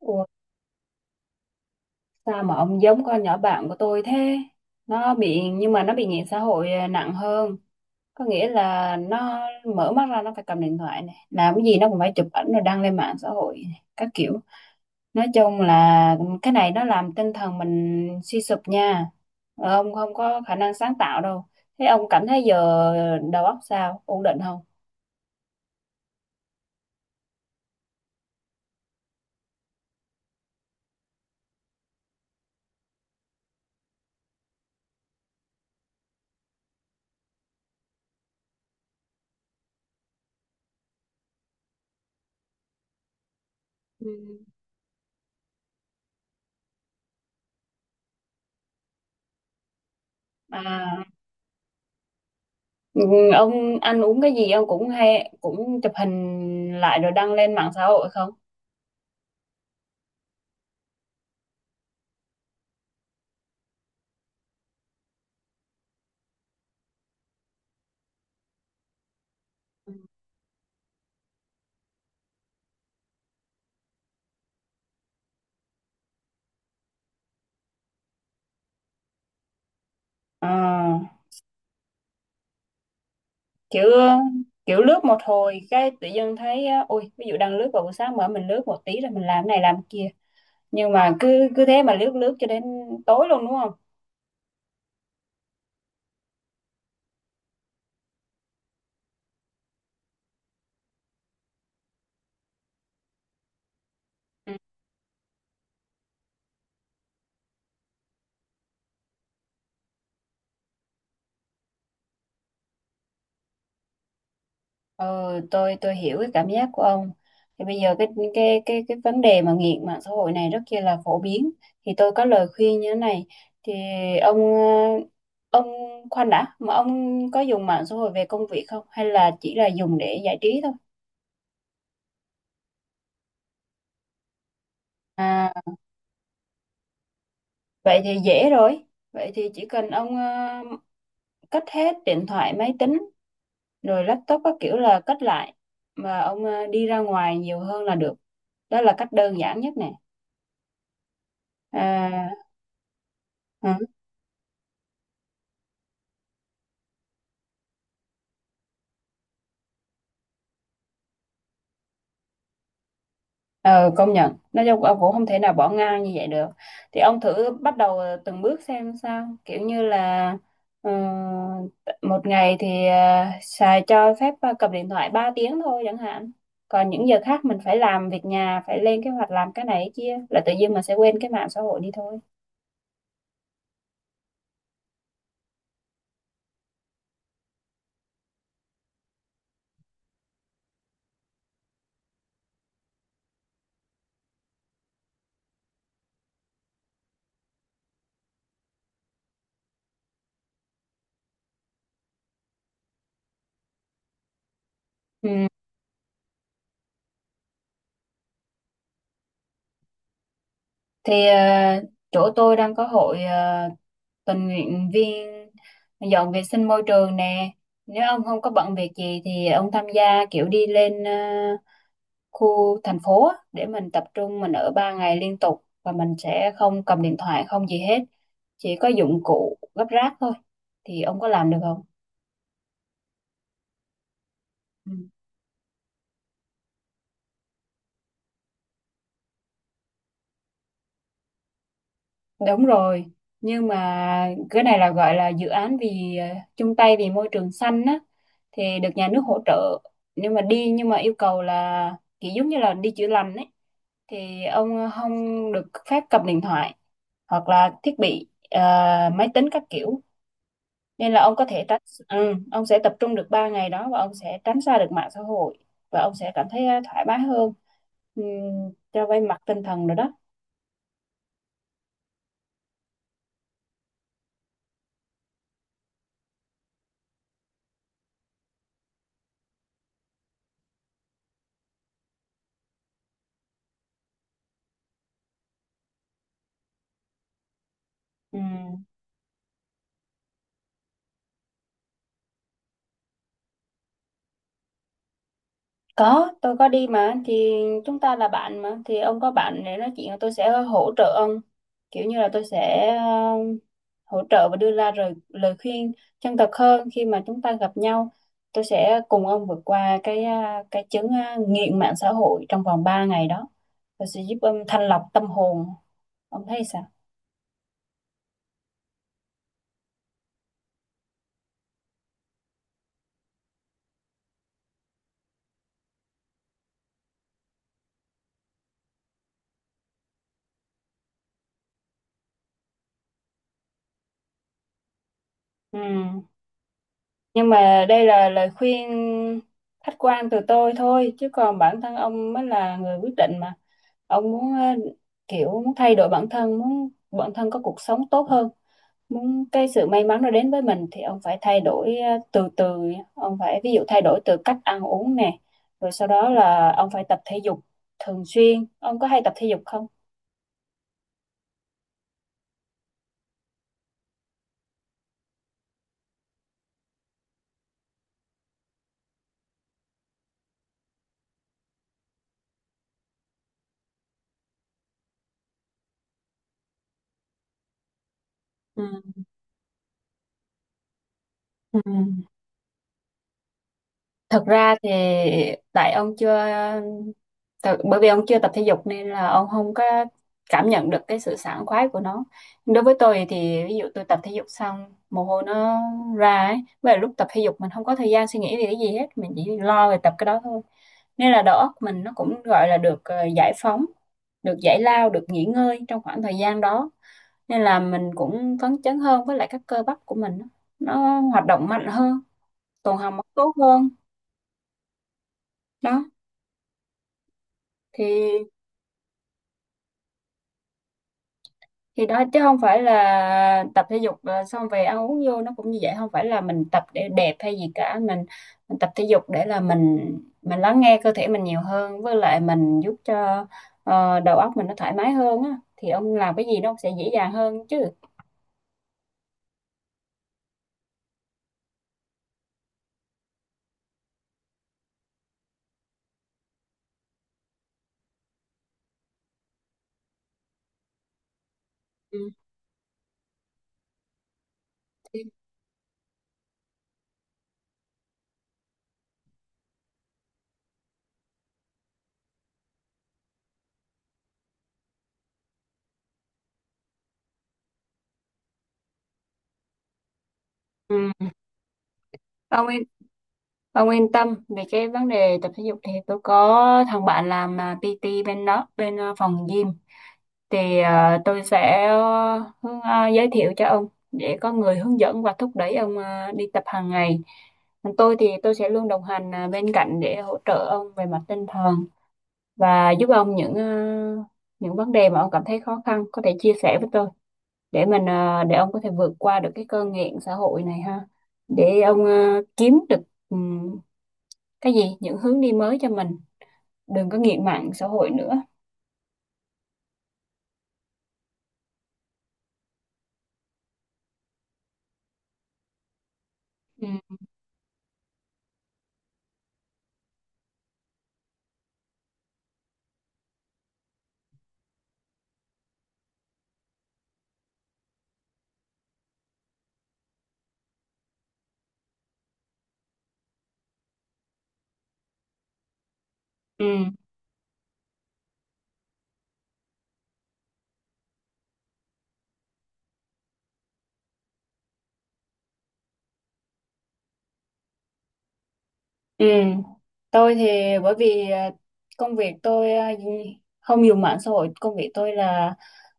Ủa, sao mà ông giống con nhỏ bạn của tôi thế? Nó bị nhưng mà nó bị nghiện xã hội à, nặng hơn. Có nghĩa là nó mở mắt ra nó phải cầm điện thoại này, làm cái gì nó cũng phải chụp ảnh rồi đăng lên mạng xã hội này, các kiểu. Nói chung là cái này nó làm tinh thần mình suy sụp nha. Ông không có khả năng sáng tạo đâu. Thế ông cảm thấy giờ đầu óc sao? Ổn định không? Ừ. À, ừ, ông ăn uống cái gì ông cũng hay cũng chụp hình lại rồi đăng lên mạng xã hội không? Ờ, kiểu kiểu lướt một hồi cái tự dưng thấy á, ui ví dụ đang lướt vào buổi sáng mở mình lướt một tí rồi mình làm cái này làm cái kia, nhưng mà cứ cứ thế mà lướt lướt cho đến tối luôn đúng không? Ừ. Ừ, tôi hiểu cái cảm giác của ông. Thì bây giờ cái vấn đề mà nghiện mạng xã hội này rất kia là phổ biến, thì tôi có lời khuyên như thế này. Thì ông ờ, ông khoan đã, mà ông có dùng mạng xã hội về công việc không hay là chỉ là dùng để giải trí thôi? À, vậy thì dễ rồi. Vậy thì chỉ cần ông cất hết điện thoại, máy tính, rồi laptop các kiểu là cất lại. Mà ông đi ra ngoài nhiều hơn là được. Đó là cách đơn giản nhất nè. À, ừ. Ờ, Công nhận nói chung ông cũng không thể nào bỏ ngang như vậy được, thì ông thử bắt đầu từng bước xem sao, kiểu như là ờ, một ngày thì xài cho phép cầm điện thoại 3 tiếng thôi chẳng hạn, còn những giờ khác mình phải làm việc nhà, phải lên kế hoạch làm cái này cái kia là tự nhiên mình sẽ quên cái mạng xã hội đi thôi. Ừ. Thì chỗ tôi đang có hội tình nguyện viên dọn vệ sinh môi trường nè, nếu ông không có bận việc gì thì ông tham gia, kiểu đi lên khu thành phố á, để mình tập trung, mình ở 3 ngày liên tục và mình sẽ không cầm điện thoại không gì hết, chỉ có dụng cụ gấp rác thôi. Thì ông có làm được không? Ừ. Đúng rồi, nhưng mà cái này là gọi là dự án vì chung tay vì môi trường xanh á, thì được nhà nước hỗ trợ. Nhưng mà đi, nhưng mà yêu cầu là kiểu giống như là đi chữa lành ấy, thì ông không được phép cầm điện thoại hoặc là thiết bị máy tính các kiểu, nên là ông có thể tránh. Ừ, ông sẽ tập trung được 3 ngày đó và ông sẽ tránh xa được mạng xã hội và ông sẽ cảm thấy thoải mái hơn. Ừm, cho vay mặt tinh thần rồi đó. Ừm, Có, tôi có đi mà. Thì chúng ta là bạn mà, thì ông có bạn để nói chuyện, tôi sẽ hỗ trợ ông, kiểu như là tôi sẽ hỗ trợ và đưa ra lời khuyên chân thật hơn khi mà chúng ta gặp nhau. Tôi sẽ cùng ông vượt qua cái cái chứng nghiện mạng xã hội trong vòng 3 ngày đó, tôi sẽ giúp ông thanh lọc tâm hồn. Ông thấy sao? Ừ. Nhưng mà đây là lời khuyên khách quan từ tôi thôi, chứ còn bản thân ông mới là người quyết định mà. Ông muốn kiểu muốn thay đổi bản thân, muốn bản thân có cuộc sống tốt hơn, muốn cái sự may mắn nó đến với mình thì ông phải thay đổi từ từ. Ông phải ví dụ thay đổi từ cách ăn uống nè, rồi sau đó là ông phải tập thể dục thường xuyên. Ông có hay tập thể dục không? Ừ. Ừ. Thật ra thì tại ông chưa Tại- bởi vì ông chưa tập thể dục nên là ông không có cảm nhận được cái sự sảng khoái của nó. Đối với tôi thì ví dụ tôi tập thể dục xong, mồ hôi nó ra ấy, và lúc tập thể dục mình không có thời gian suy nghĩ về cái gì hết, mình chỉ lo về tập cái đó thôi, nên là đầu óc mình nó cũng gọi là được giải phóng, được giải lao, được nghỉ ngơi trong khoảng thời gian đó, nên là mình cũng phấn chấn hơn, với lại các cơ bắp của mình nó hoạt động mạnh hơn, tuần hoàn máu tốt hơn đó. Thì thì đó, chứ không phải là tập thể dục xong về ăn uống vô nó cũng như vậy, không phải là mình tập để đẹp hay gì cả, mình tập thể dục để là mình lắng nghe cơ thể mình nhiều hơn, với lại mình giúp cho đầu óc mình nó thoải mái hơn á, thì ông làm cái gì nó cũng sẽ dễ dàng hơn chứ. Ừ. Ừ. ông yên ông yên tâm về cái vấn đề tập thể dục, thì tôi có thằng bạn làm PT bên đó, bên phòng gym, thì tôi sẽ giới thiệu cho ông để có người hướng dẫn và thúc đẩy ông đi tập hàng ngày. Còn tôi thì tôi sẽ luôn đồng hành bên cạnh để hỗ trợ ông về mặt tinh thần và giúp ông những vấn đề mà ông cảm thấy khó khăn có thể chia sẻ với tôi, để ông có thể vượt qua được cái cơn nghiện xã hội này ha. Để ông kiếm được ừm, cái gì những hướng đi mới cho mình, đừng có nghiện mạng xã hội nữa. Ừ. Ừ. Ừ, tôi thì bởi vì công việc tôi không dùng mạng xã hội, công việc tôi là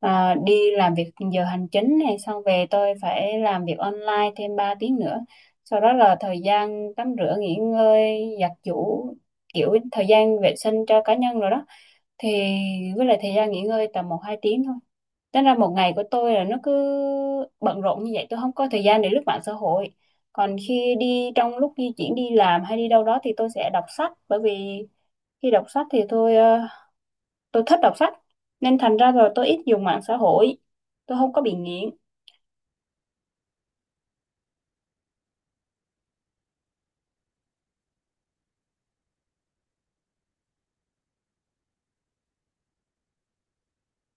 đi làm việc giờ hành chính này, xong về tôi phải làm việc online thêm 3 tiếng nữa. Sau đó là thời gian tắm rửa, nghỉ ngơi, giặt giũ, kiểu thời gian vệ sinh cho cá nhân rồi đó, thì với lại thời gian nghỉ ngơi tầm 1-2 tiếng thôi. Tính ra một ngày của tôi là nó cứ bận rộn như vậy, tôi không có thời gian để lướt mạng xã hội. Còn khi đi trong lúc di chuyển đi làm hay đi đâu đó thì tôi sẽ đọc sách, bởi vì khi đọc sách thì tôi thích đọc sách, nên thành ra rồi tôi ít dùng mạng xã hội, tôi không có bị nghiện.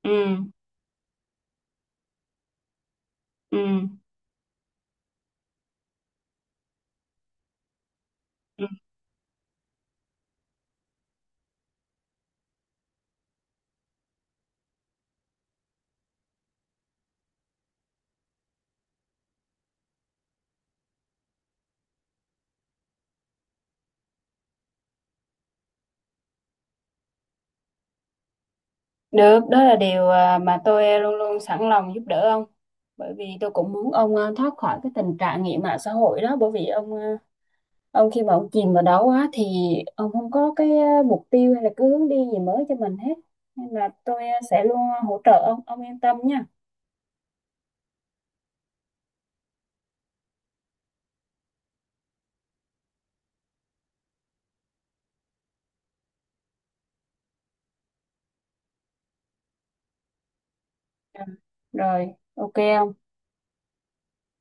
Ừ, ừ, ừ. Được, đó là điều mà tôi luôn luôn sẵn lòng giúp đỡ ông, bởi vì tôi cũng muốn ông thoát khỏi cái tình trạng nghiện mạng xã hội đó. Bởi vì ông khi mà ông chìm vào đó quá thì ông không có cái mục tiêu hay là cái hướng đi gì mới cho mình hết, nên là tôi sẽ luôn hỗ trợ ông. Ông yên tâm nha. Ừ. Rồi, ok ông.